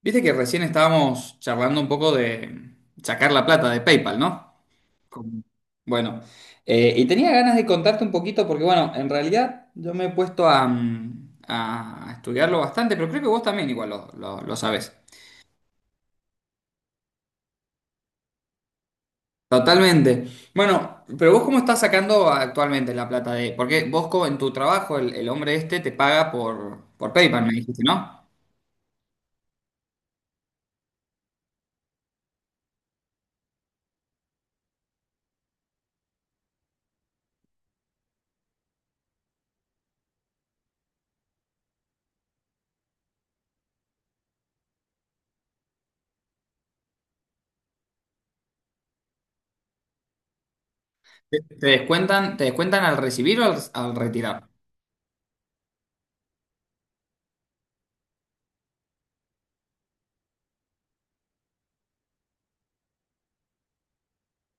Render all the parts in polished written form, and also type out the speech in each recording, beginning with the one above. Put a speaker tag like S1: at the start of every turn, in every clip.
S1: Viste que recién estábamos charlando un poco de sacar la plata de PayPal, ¿no? Con- Bueno, y tenía ganas de contarte un poquito porque, bueno, en realidad yo me he puesto a, a estudiarlo bastante, pero creo que vos también igual lo sabés. Totalmente. Bueno, pero vos cómo estás sacando actualmente la plata de... Porque vos co- en tu trabajo, el hombre este te paga por PayPal, me dijiste, ¿no? Te descuentan al recibir o al retirar?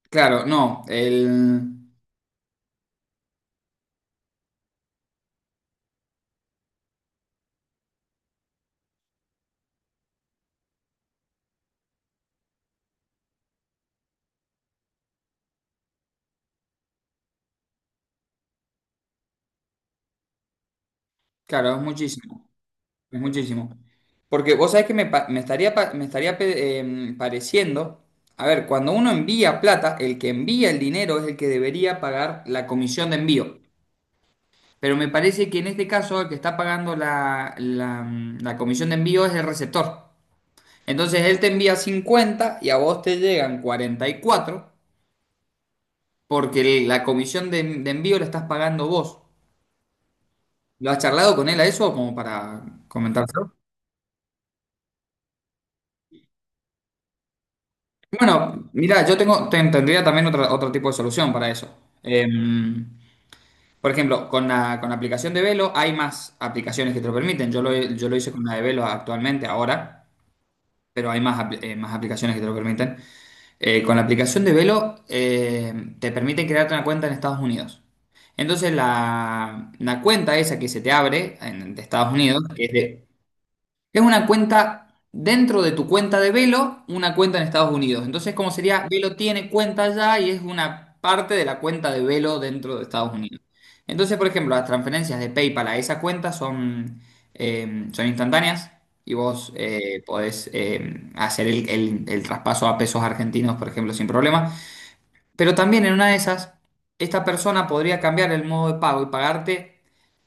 S1: Claro, no. El, claro, es muchísimo, es muchísimo. Porque vos sabés que me, pa- me estaría pe- pareciendo, a ver, cuando uno envía plata, el que envía el dinero es el que debería pagar la comisión de envío. Pero me parece que en este caso el que está pagando la la comisión de envío es el receptor. Entonces él te envía 50 y a vos te llegan 44 porque la comisión de envío la estás pagando vos. ¿Lo has charlado con él a eso como para comentárselo? Bueno, mira, yo tengo, ten- tendría también otra- otro tipo de solución para eso. Em, por ejemplo, con la aplicación de Velo hay más aplicaciones que te lo permiten. Yo lo, he- yo lo hice con la de Velo actualmente, ahora, pero hay más, apl- más aplicaciones que te lo permiten. Con la aplicación de Velo te permiten crearte una cuenta en Estados Unidos. Entonces la cuenta esa que se te abre en- de Estados Unidos, que es de, es una cuenta dentro de tu cuenta de Velo, una cuenta en Estados Unidos. Entonces, ¿cómo sería? Velo tiene cuenta allá y es una parte de la cuenta de Velo dentro de Estados Unidos. Entonces, por ejemplo, las transferencias de PayPal a esa cuenta son, son instantáneas y vos podés hacer el traspaso a pesos argentinos, por ejemplo, sin problema. Pero también en una de esas, esta persona podría cambiar el modo de pago y pagarte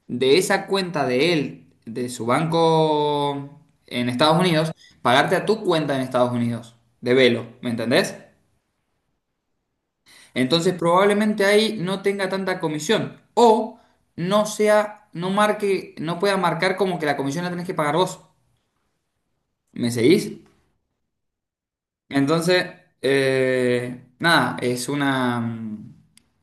S1: de esa cuenta de él, de su banco en Estados Unidos, pagarte a tu cuenta en Estados Unidos, de Velo, ¿me entendés? Entonces probablemente ahí no tenga tanta comisión o no sea, no marque, no pueda marcar como que la comisión la tenés que pagar vos. ¿Me seguís? Entonces, nada, es una,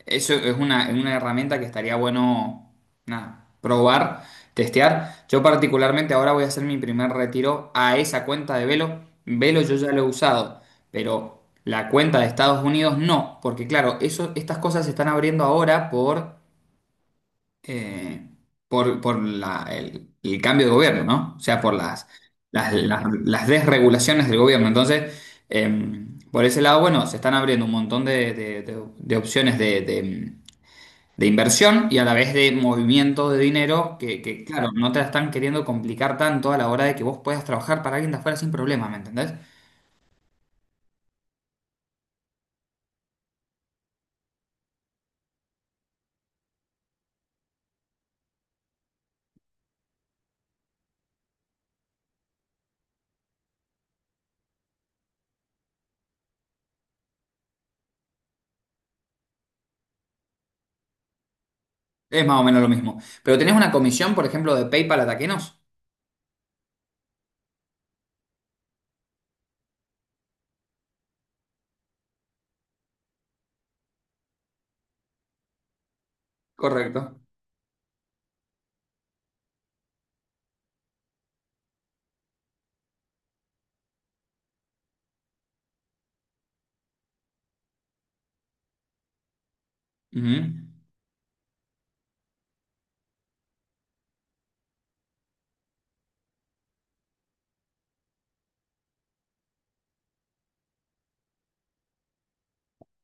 S1: eso es una herramienta que estaría bueno, nada, probar, testear. Yo particularmente ahora voy a hacer mi primer retiro a esa cuenta de Velo. Velo yo ya lo he usado, pero la cuenta de Estados Unidos no, porque claro, eso, estas cosas se están abriendo ahora eh, por la- el cambio de gobierno, ¿no? O sea, por las, las desregulaciones del gobierno. Entonces, por ese lado, bueno, se están abriendo un montón de opciones de inversión y a la vez de movimiento de dinero que, claro, no te la están queriendo complicar tanto a la hora de que vos puedas trabajar para alguien de afuera sin problema, ¿me entendés? Es más o menos lo mismo. Pero tenés una comisión, por ejemplo, de PayPal a Taquenos. Correcto. Ujú.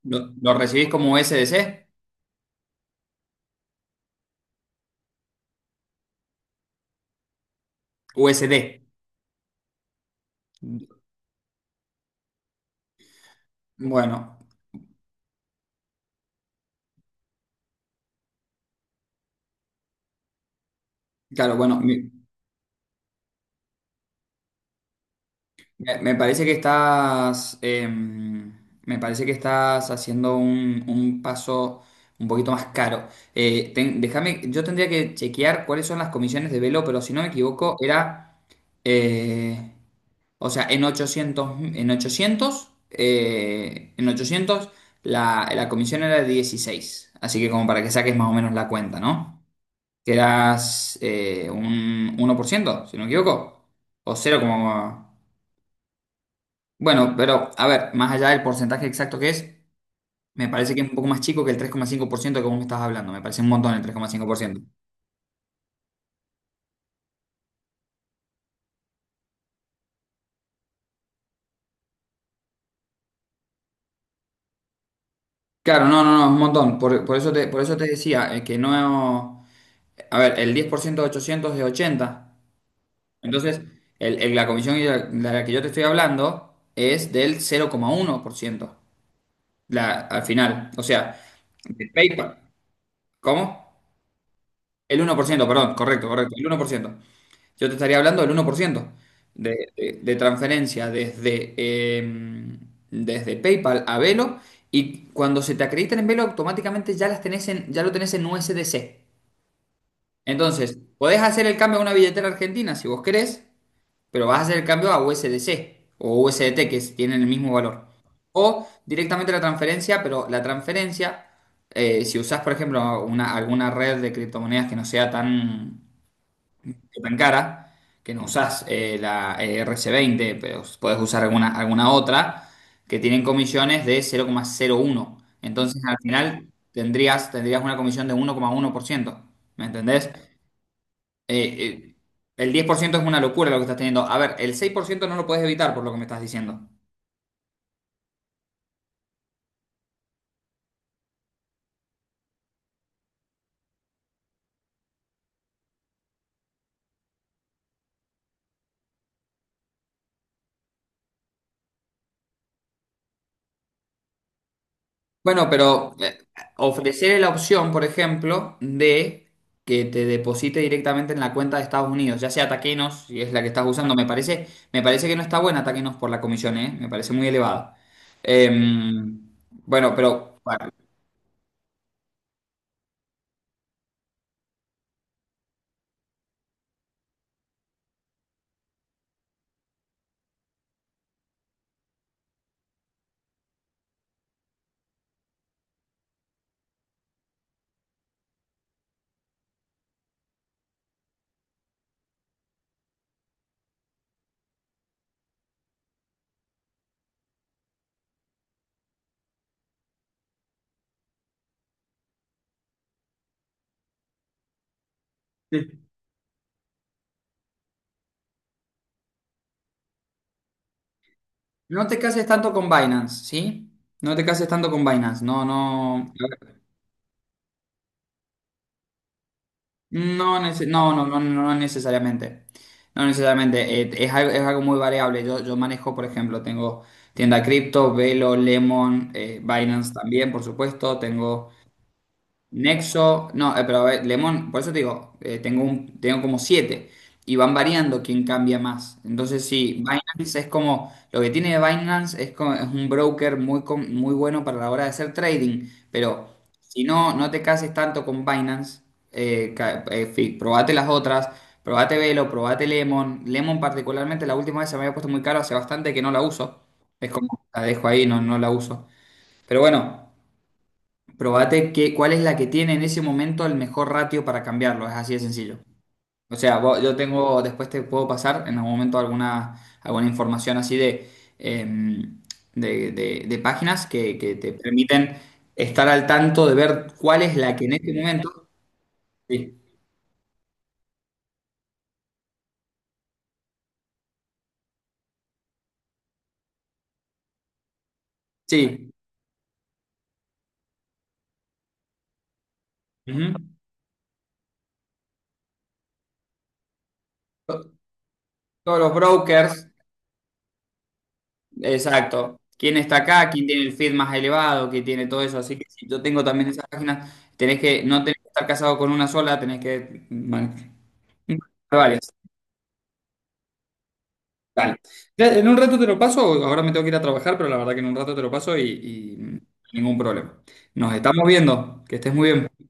S1: ¿Lo recibís como USDC? USD. Bueno, claro, bueno, me- me parece que estás, me parece que estás haciendo un paso un poquito más caro. Ten- déjame, yo tendría que chequear cuáles son las comisiones de Velo, pero si no me equivoco, era, eh, o sea, en 800, en 800, en 800 la, la comisión era de 16. Así que como para que saques más o menos la cuenta, ¿no? Que eras un uno por ciento si no me equivoco, o cero como... Bueno, pero a ver, más allá del porcentaje exacto que es, me parece que es un poco más chico que el 3,5% que vos me estás hablando, me parece un montón el 3,5%. Claro, no, no, no, es un montón, por eso te decía, que no... A ver, el 10% de 800 es 80, entonces el- la comisión de la que yo te estoy hablando es del 0,1%, la, al final, o sea, de PayPal, ¿cómo? El uno por ciento, perdón, correcto, correcto, el uno por ciento. Yo te estaría hablando del 1% de transferencia desde, desde PayPal a Velo y cuando se te acreditan en Velo automáticamente ya las tenés en, ya lo tenés en USDC. Entonces, podés hacer el cambio a una billetera argentina si vos querés, pero vas a hacer el cambio a USDC o USDT que es- tienen el mismo valor. O directamente la transferencia, pero la transferencia, si usás, por ejemplo, una, alguna red de criptomonedas que no sea tan tan cara que no usas la RC20, pero puedes usar alguna, alguna otra que tienen comisiones de 0,01. Entonces al final tendrías, tendrías una comisión de 1,1%. ¿Me entendés? Eh, eh, el 10% es una locura lo que estás teniendo. A ver, el 6% no lo puedes evitar por lo que me estás diciendo. Bueno, pero ofrecer la opción, por ejemplo, de que te deposite directamente en la cuenta de Estados Unidos, ya sea Taquenos, si es la que estás usando, me parece que no está buena Taquenos por la comisión, ¿eh? Me parece muy elevada. Em, bueno, pero bueno, sí. No te cases tanto con Binance, ¿sí? No te cases tanto con Binance, no, no. No, nece- no, no, no, no necesariamente. No necesariamente. Es algo, es algo muy variable. Yo manejo, por ejemplo, tengo tienda cripto, Velo, Lemon, Binance también, por supuesto. Tengo Nexo, no, pero a ver, Lemon, por eso te digo, tengo un, tengo como 7 y van variando quién cambia más. Entonces sí, Binance es como, lo que tiene Binance es, como- es un broker muy, com- muy bueno para la hora de hacer trading, pero si no, no te cases tanto con Binance, ca- fi- probate las otras, probate Velo, probate Lemon. Lemon particularmente la última vez se me había puesto muy caro, hace bastante que no la uso. Es como, la dejo ahí, no, no la uso. Pero bueno. Probate que, cuál es la que tiene en ese momento el mejor ratio para cambiarlo. Es así de sencillo. O sea, vos- yo tengo, después te puedo pasar en algún momento alguna, alguna información así de, em, de páginas que te permiten estar al tanto de ver cuál es la que en este momento. Sí, sí. Ujú. To- todos los brokers, exacto. ¿Quién está acá? ¿Quién tiene el feed más elevado? ¿Quién tiene todo eso? Así que si yo tengo también esas páginas, tenés que, no tenés que estar casado con una sola, tenés que man- Ah, vale, dale. Ya, en un rato te lo paso, ahora me tengo que ir a trabajar, pero la verdad que en un rato te lo paso y ningún problema. Nos estamos viendo, que estés muy bien.